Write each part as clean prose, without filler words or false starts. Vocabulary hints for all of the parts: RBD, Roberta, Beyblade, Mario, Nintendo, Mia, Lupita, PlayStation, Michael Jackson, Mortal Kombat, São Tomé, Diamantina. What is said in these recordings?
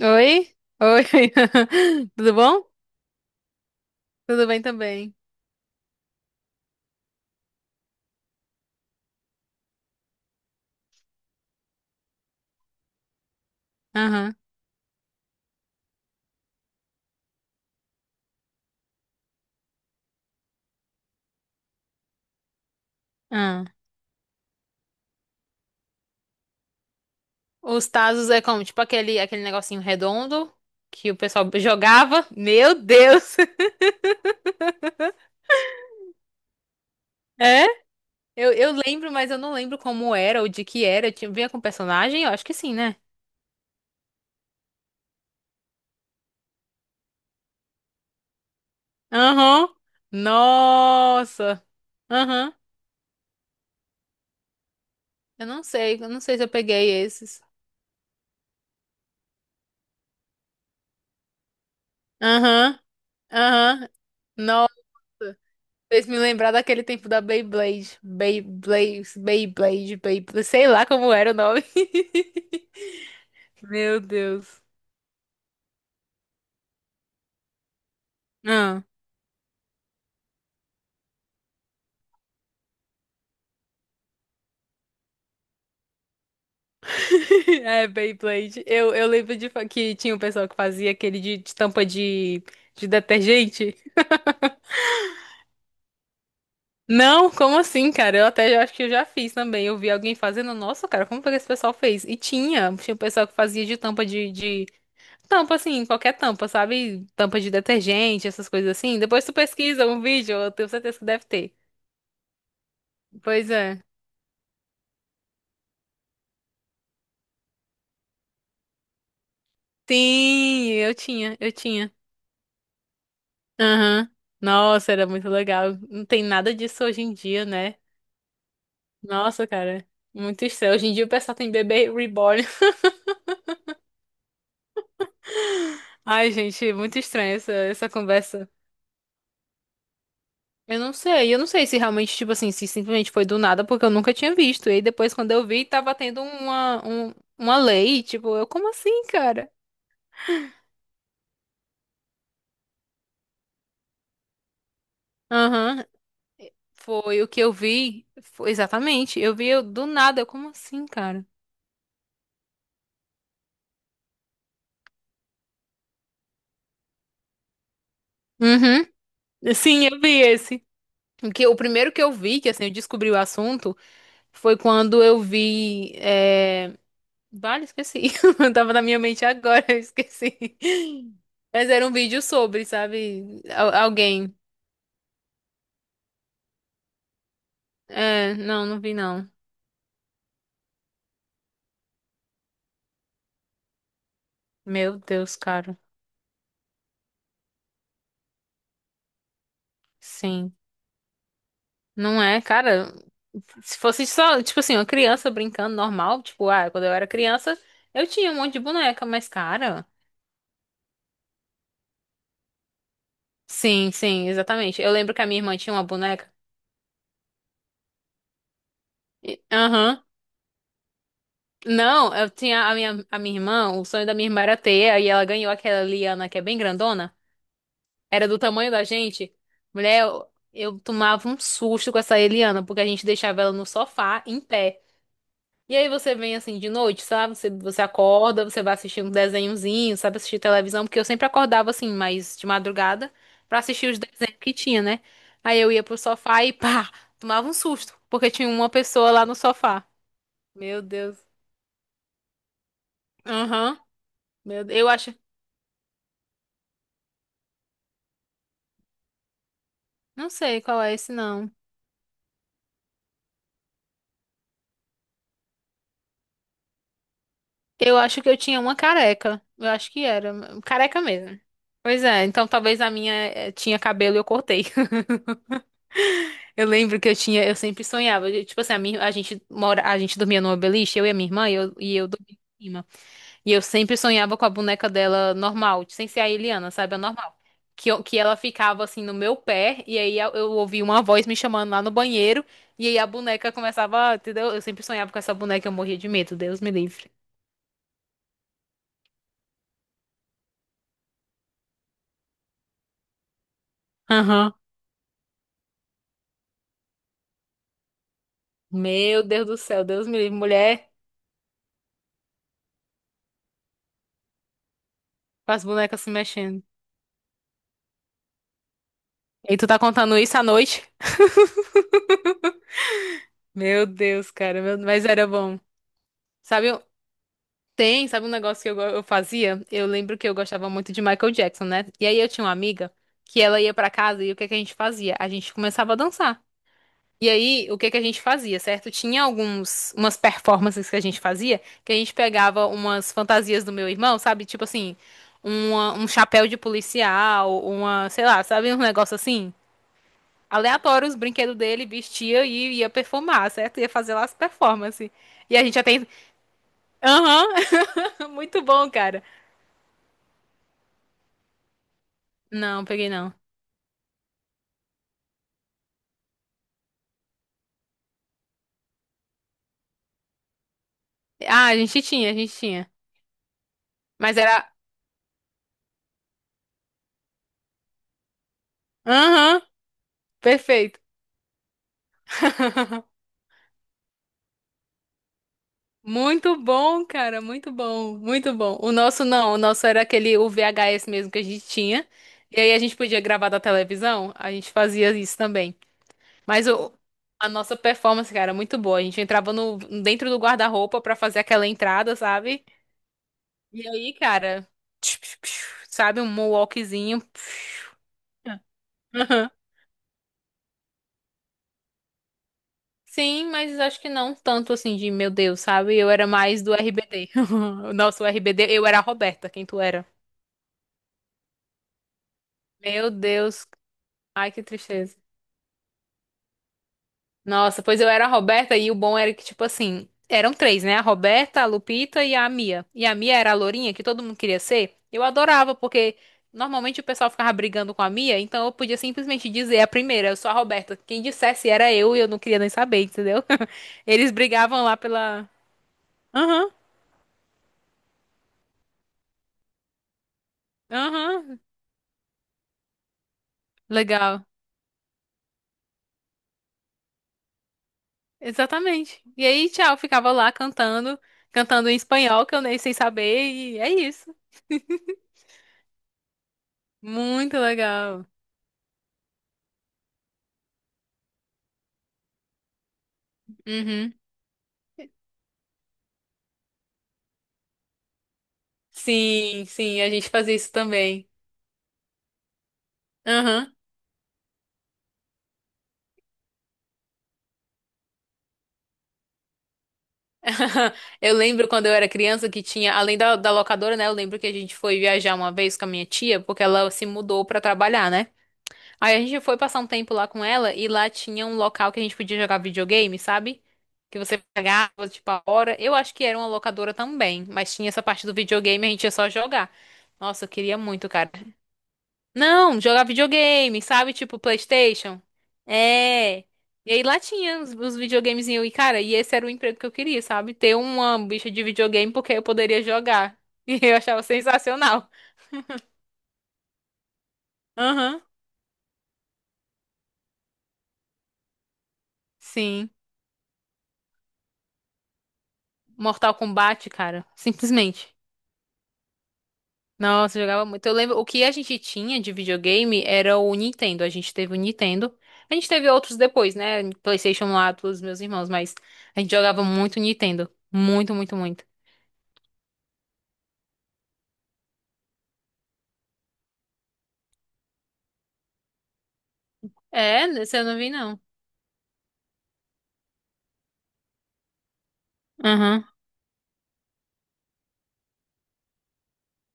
Oi? Oi. Tudo bom? Tudo bem também. Aham. Ah. Os tazos é como, tipo aquele, negocinho redondo que o pessoal jogava. Meu Deus! É? Eu lembro, mas eu não lembro como era ou de que era. Tinha, vinha com personagem? Eu acho que sim, né? Aham. Nossa. Aham. Eu não sei. Eu não sei se eu peguei esses. Aham. Aham. Nossa. Fez me lembrar daquele tempo da Beyblade. Beyblade, Beyblade, Beyblade, sei lá como era o nome. Meu Deus. Ah. É, Beyblade. Eu lembro que tinha um pessoal que fazia aquele de tampa de detergente. Não, como assim, cara? Acho que eu já fiz também. Eu vi alguém fazendo. Nossa, cara, como foi que esse pessoal fez? E tinha, tinha um pessoal que fazia de tampa de tampa, assim, qualquer tampa, sabe? Tampa de detergente, essas coisas assim. Depois tu pesquisa um vídeo, eu tenho certeza que deve ter. Pois é. Sim, eu tinha. Aham. Nossa, era muito legal. Não tem nada disso hoje em dia, né? Nossa, cara. Muito estranho. Hoje em dia o pessoal tem bebê reborn. Ai, gente, muito estranha essa, conversa. Eu não sei se realmente, tipo assim, se simplesmente foi do nada, porque eu nunca tinha visto. E aí depois, quando eu vi, tava tendo uma lei, tipo, eu, como assim, cara? Aham. Foi o que eu vi. Foi, exatamente. Do nada. Eu, como assim, cara? Uhum. Sim, eu vi esse. O primeiro que eu vi, que assim, eu descobri o assunto, foi quando eu vi. É... Vale, esqueci. Tava na minha mente agora, eu esqueci. Mas era um vídeo sobre, sabe? Alguém. É, não, não vi não. Meu Deus, cara. Sim. Não é, cara. Se fosse só, tipo assim, uma criança brincando normal, tipo, ah, quando eu era criança, eu tinha um monte de boneca, mas, cara. Sim, sim, exatamente. Eu lembro que a minha irmã tinha uma boneca. Aham. Não, eu tinha a minha irmã, o sonho da minha irmã era ter, aí ela ganhou aquela Liana que é bem grandona. Era do tamanho da gente. Mulher, eu tomava um susto com essa Eliana, porque a gente deixava ela no sofá, em pé. E aí você vem assim de noite, sabe? Você acorda, você vai assistir um desenhozinho, sabe? Assistir televisão, porque eu sempre acordava assim, mais de madrugada, pra assistir os desenhos que tinha, né? Aí eu ia pro sofá e pá, tomava um susto, porque tinha uma pessoa lá no sofá. Meu Deus. Aham. Meu Deus. Eu acho. Não sei qual é esse, não. Eu acho que eu tinha uma careca. Eu acho que era. Careca mesmo. Pois é, então talvez a minha tinha cabelo e eu cortei. Eu lembro que eu tinha, eu sempre sonhava. Tipo assim, a gente a gente dormia numa beliche, eu e a minha irmã, e eu dormia em cima. E eu sempre sonhava com a boneca dela normal, sem ser a Eliana, sabe? A normal. Que ela ficava assim no meu pé, e aí eu ouvia uma voz me chamando lá no banheiro, e aí a boneca começava, entendeu? Eu sempre sonhava com essa boneca, eu morria de medo, Deus me livre. Aham. Meu Deus do céu, Deus me livre. Mulher, com as bonecas se mexendo. E tu tá contando isso à noite? Meu Deus, cara, mas era bom. Sabe, eu- Tem, sabe um negócio que eu, eu fazia? Eu lembro que eu gostava muito de Michael Jackson, né? E aí eu tinha uma amiga que ela ia pra casa e o que que a gente fazia? A gente começava a dançar. E aí, o que que a gente fazia, certo? Tinha alguns, umas performances que a gente fazia, que a gente pegava umas fantasias do meu irmão, sabe? Tipo assim, um chapéu de policial, uma, sei lá, sabe, um negócio assim? Aleatório os brinquedos dele, vestia e ia performar, certo? Ia fazer lá as performances. E a gente já tem. Aham, muito bom, cara. Não, peguei não. Ah, a gente tinha. Mas era. Aham, perfeito. Muito bom, cara, muito bom, muito bom. O nosso não, o nosso era aquele o VHS mesmo que a gente tinha. E aí a gente podia gravar da televisão, a gente fazia isso também. Mas o, a nossa performance, cara, é muito boa. A gente entrava no, dentro do guarda-roupa pra fazer aquela entrada, sabe? E aí, cara, sabe, um moonwalkzinho. Aham. Sim, mas acho que não tanto assim de meu Deus, sabe? Eu era mais do RBD. Nossa, o RBD, eu era a Roberta, quem tu era? Meu Deus, ai que tristeza. Nossa, pois eu era a Roberta e o bom era que, tipo assim, eram três, né? A Roberta, a Lupita e a Mia. E a Mia era a lourinha que todo mundo queria ser. Eu adorava, porque normalmente o pessoal ficava brigando com a Mia, então eu podia simplesmente dizer a primeira, eu sou a Roberta. Quem dissesse era eu e eu não queria nem saber, entendeu? Eles brigavam lá pela. Aham, aham, legal. Exatamente. E aí, tchau, eu ficava lá cantando, cantando em espanhol que eu nem sei saber, e é isso. Muito legal. Uhum. Sim, sim, a gente fazia isso também. Aham. Eu lembro quando eu era criança que tinha, além da locadora, né? Eu lembro que a gente foi viajar uma vez com a minha tia, porque ela se mudou pra trabalhar, né? Aí a gente foi passar um tempo lá com ela e lá tinha um local que a gente podia jogar videogame, sabe? Que você pagava, tipo, a hora. Eu acho que era uma locadora também, mas tinha essa parte do videogame, a gente ia só jogar. Nossa, eu queria muito, cara. Não, jogar videogame, sabe? Tipo PlayStation. É. E aí lá tinha os videogames e, cara, e esse era o emprego que eu queria, sabe? Ter uma bicha de videogame porque eu poderia jogar. E eu achava sensacional. Aham. Sim. Mortal Kombat, cara. Simplesmente. Nossa, eu jogava muito. Eu lembro, o que a gente tinha de videogame era o Nintendo. A gente teve o Nintendo. A gente teve outros depois, né? PlayStation lá dos meus irmãos, mas a gente jogava muito Nintendo. Muito, muito, muito. É, esse eu não vi, não. Aham,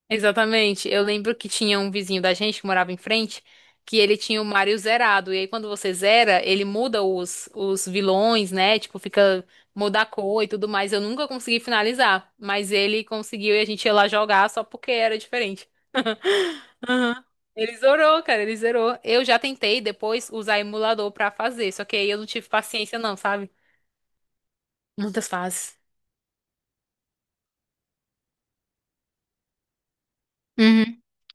exatamente. Eu lembro que tinha um vizinho da gente que morava em frente, que ele tinha o Mario zerado. E aí, quando você zera, ele muda os vilões, né? Tipo, fica, muda a cor e tudo mais. Eu nunca consegui finalizar, mas ele conseguiu e a gente ia lá jogar só porque era diferente. Aham. Ele zerou, cara, ele zerou. Eu já tentei depois usar emulador pra fazer, só que aí eu não tive paciência, não, sabe? Muitas fases.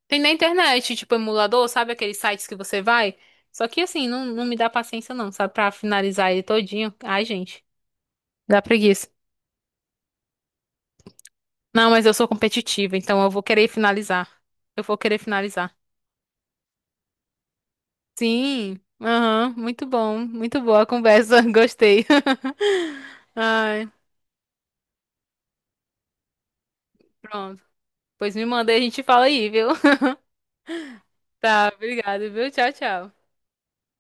Tem na internet, tipo emulador, sabe aqueles sites que você vai? Só que assim, não, não me dá paciência não, sabe? Pra finalizar ele todinho. Ai, gente, dá preguiça. Não, mas eu sou competitiva, então eu vou querer finalizar. Eu vou querer finalizar. Sim, aham, muito bom, muito boa a conversa, gostei. Ai, pronto. Pois me manda e a gente fala aí, viu? Tá, obrigada, viu? Tchau, tchau.